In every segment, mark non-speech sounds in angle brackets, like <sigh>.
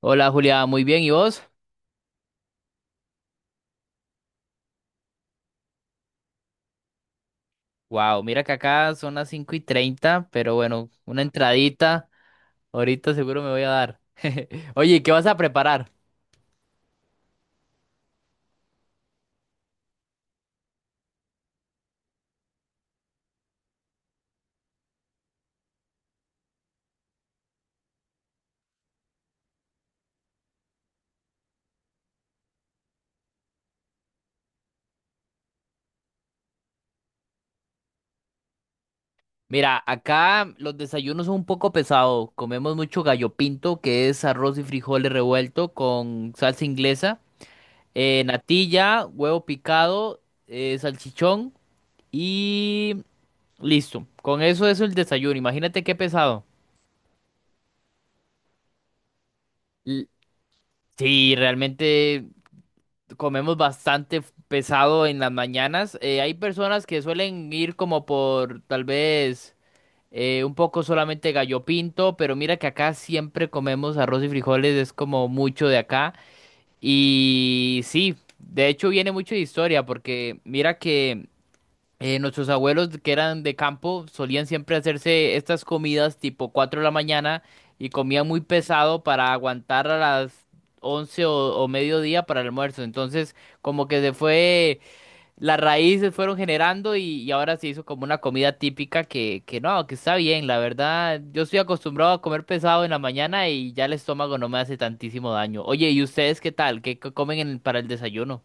Hola Julia, muy bien, ¿y vos? Wow, mira que acá son las 5:30, pero bueno, una entradita, ahorita seguro me voy a dar. <laughs> Oye, ¿qué vas a preparar? Mira, acá los desayunos son un poco pesados, comemos mucho gallo pinto, que es arroz y frijoles revuelto con salsa inglesa, natilla, huevo picado, salchichón y listo. Con eso es el desayuno, imagínate qué pesado. L- Sí, realmente comemos bastante pesado en las mañanas. Hay personas que suelen ir como por tal vez un poco solamente gallo pinto, pero mira que acá siempre comemos arroz y frijoles, es como mucho de acá. Y sí, de hecho viene mucho de historia, porque mira que... nuestros abuelos que eran de campo solían siempre hacerse estas comidas tipo 4 de la mañana y comían muy pesado para aguantar a las 11 o mediodía para el almuerzo. Entonces, como que se fue, las raíces fueron generando y ahora se hizo como una comida típica que no, que está bien, la verdad. Yo estoy acostumbrado a comer pesado en la mañana y ya el estómago no me hace tantísimo daño. Oye, ¿y ustedes qué tal? ¿Qué comen para el desayuno?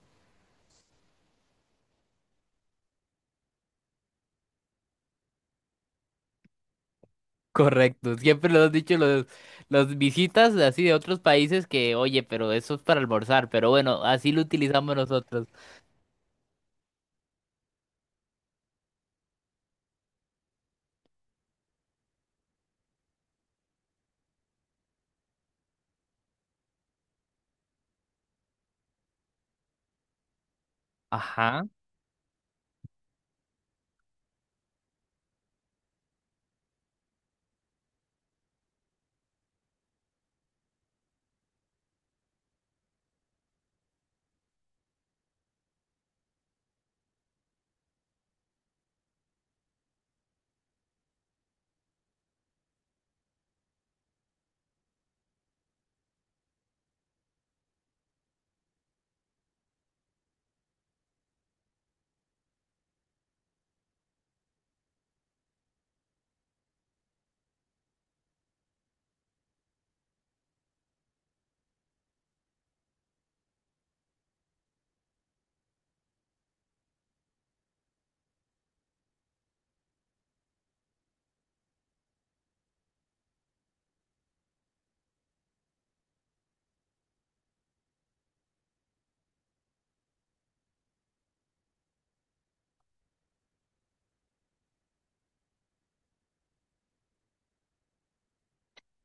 Correcto, siempre lo has dicho, los visitas así de otros países que, oye, pero eso es para almorzar, pero bueno, así lo utilizamos nosotros. Ajá.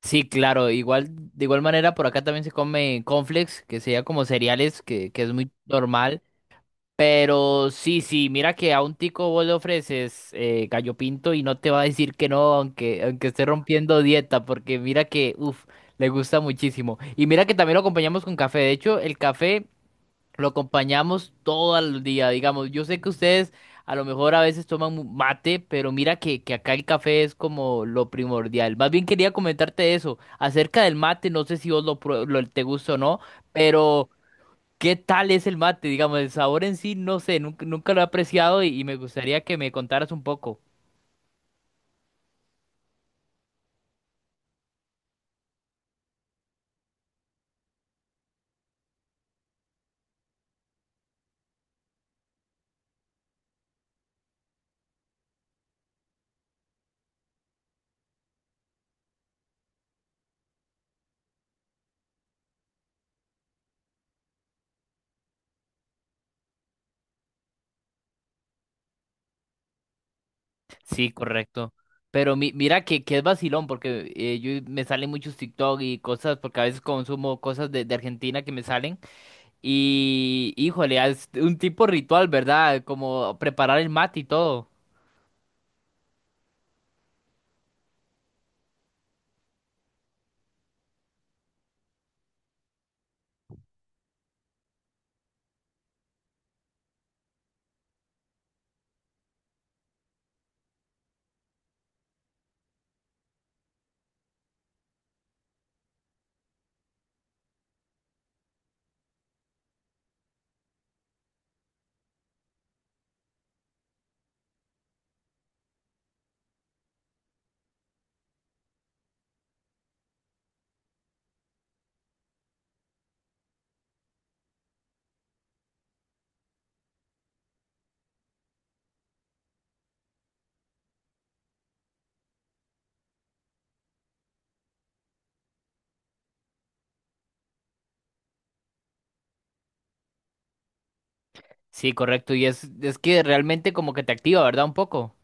Sí, claro, igual, de igual manera por acá también se come cornflakes, que sería como cereales, que es muy normal, pero sí, sí, mira que a un tico vos le ofreces gallo pinto y no te va a decir que no, aunque esté rompiendo dieta, porque mira que, uff, le gusta muchísimo. Y mira que también lo acompañamos con café, de hecho, el café... Lo acompañamos todo el día, digamos. Yo sé que ustedes a lo mejor a veces toman mate, pero mira que acá el café es como lo primordial. Más bien quería comentarte eso, acerca del mate, no sé si vos te gusta o no, pero ¿qué tal es el mate? Digamos, el sabor en sí, no sé, nunca, nunca lo he apreciado y me gustaría que me contaras un poco. Sí, correcto. Pero mira que es vacilón, porque me salen muchos TikTok y cosas, porque a veces consumo cosas de Argentina que me salen. Y, híjole, es un tipo ritual, ¿verdad? Como preparar el mate y todo. Sí, correcto. Y es que realmente como que te activa, ¿verdad? Un poco.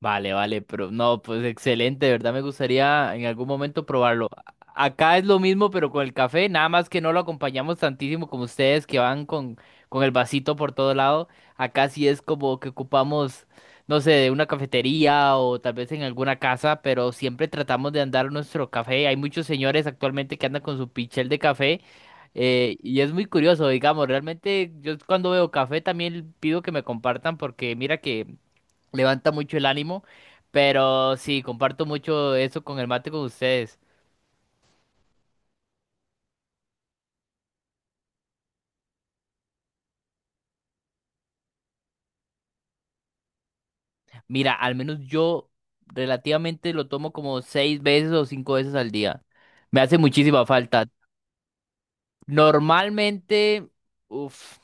Vale, vale, pero no, pues excelente, de verdad me gustaría en algún momento probarlo. Acá es lo mismo, pero con el café, nada más que no lo acompañamos tantísimo como ustedes que van con el vasito por todo lado. Acá sí es como que ocupamos, no sé, de una cafetería o tal vez en alguna casa, pero siempre tratamos de andar nuestro café. Hay muchos señores actualmente que andan con su pichel de café. Y es muy curioso, digamos, realmente yo cuando veo café también pido que me compartan porque mira que levanta mucho el ánimo, pero sí, comparto mucho eso con el mate con ustedes. Mira, al menos yo relativamente lo tomo como 6 veces o 5 veces al día. Me hace muchísima falta. Normalmente, uff,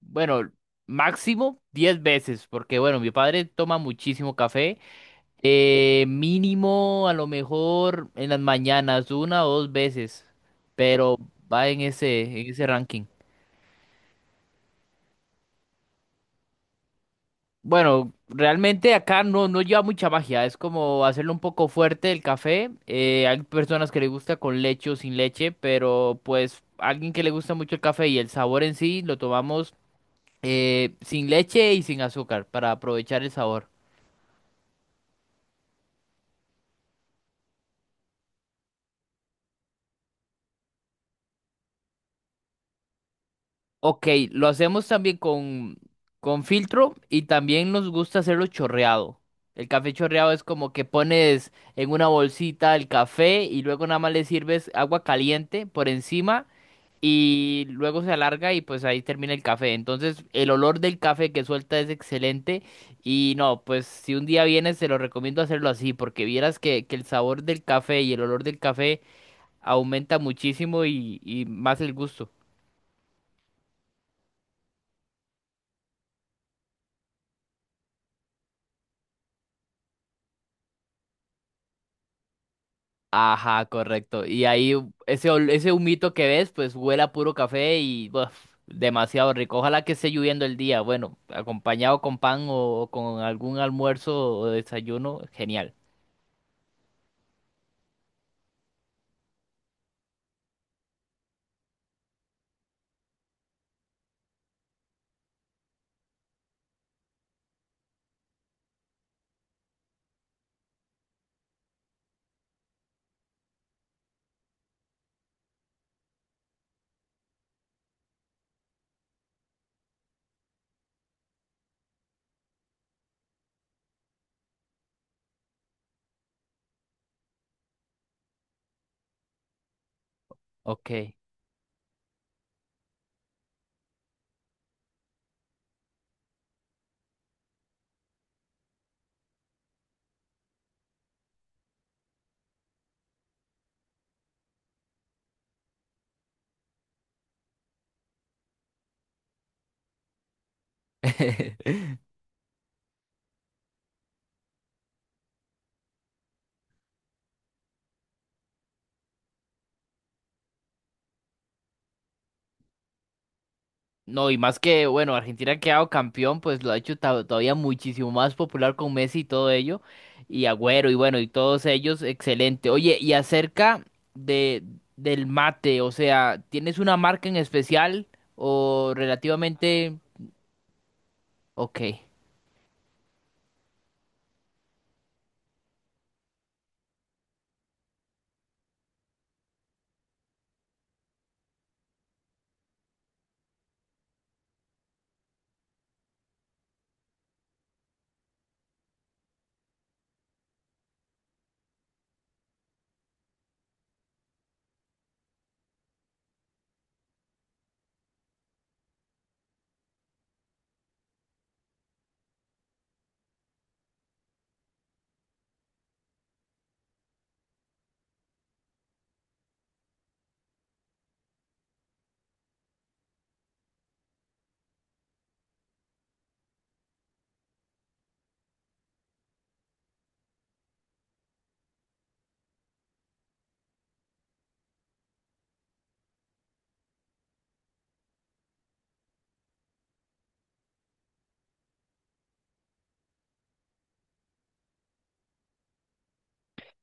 bueno, máximo 10 veces, porque bueno, mi padre toma muchísimo café. Mínimo, a lo mejor en las mañanas, una o dos veces, pero va en ese ranking. Bueno, realmente acá no, no lleva mucha magia, es como hacerlo un poco fuerte el café. Hay personas que le gusta con leche o sin leche, pero pues alguien que le gusta mucho el café y el sabor en sí, lo tomamos sin leche y sin azúcar para aprovechar el sabor. Ok, lo hacemos también con filtro y también nos gusta hacerlo chorreado. El café chorreado es como que pones en una bolsita el café y luego nada más le sirves agua caliente por encima y luego se alarga y pues ahí termina el café. Entonces el olor del café que suelta es excelente y no, pues si un día vienes te lo recomiendo hacerlo así porque vieras que el sabor del café y el olor del café aumenta muchísimo y más el gusto. Ajá, correcto. Y ahí ese humito que ves pues huele a puro café y buf, demasiado rico. Ojalá que esté lloviendo el día. Bueno, acompañado con pan o con algún almuerzo o desayuno, genial. Ok. <laughs> No, y más que, bueno, Argentina ha quedado campeón, pues lo ha hecho todavía muchísimo más popular con Messi y todo ello, y Agüero, y bueno, y todos ellos, excelente. Oye, y acerca de, del mate, o sea, ¿tienes una marca en especial o relativamente... Ok.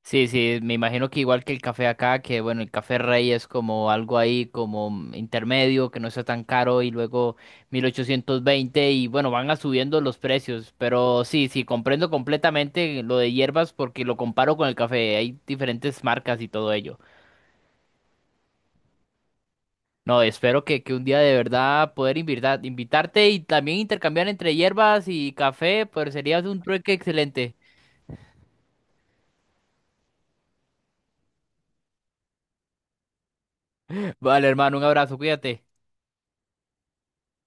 Sí, sí, me imagino que igual que el café acá, que bueno, el café rey es como algo ahí como intermedio, que no está tan caro y luego 1820 y bueno, van a subiendo los precios, pero sí, sí, comprendo completamente lo de hierbas porque lo comparo con el café, hay diferentes marcas y todo ello. No, espero que un día de verdad poder invitarte y también intercambiar entre hierbas y café, pues sería un trueque excelente. <laughs> Vale, hermano, un abrazo, cuídate.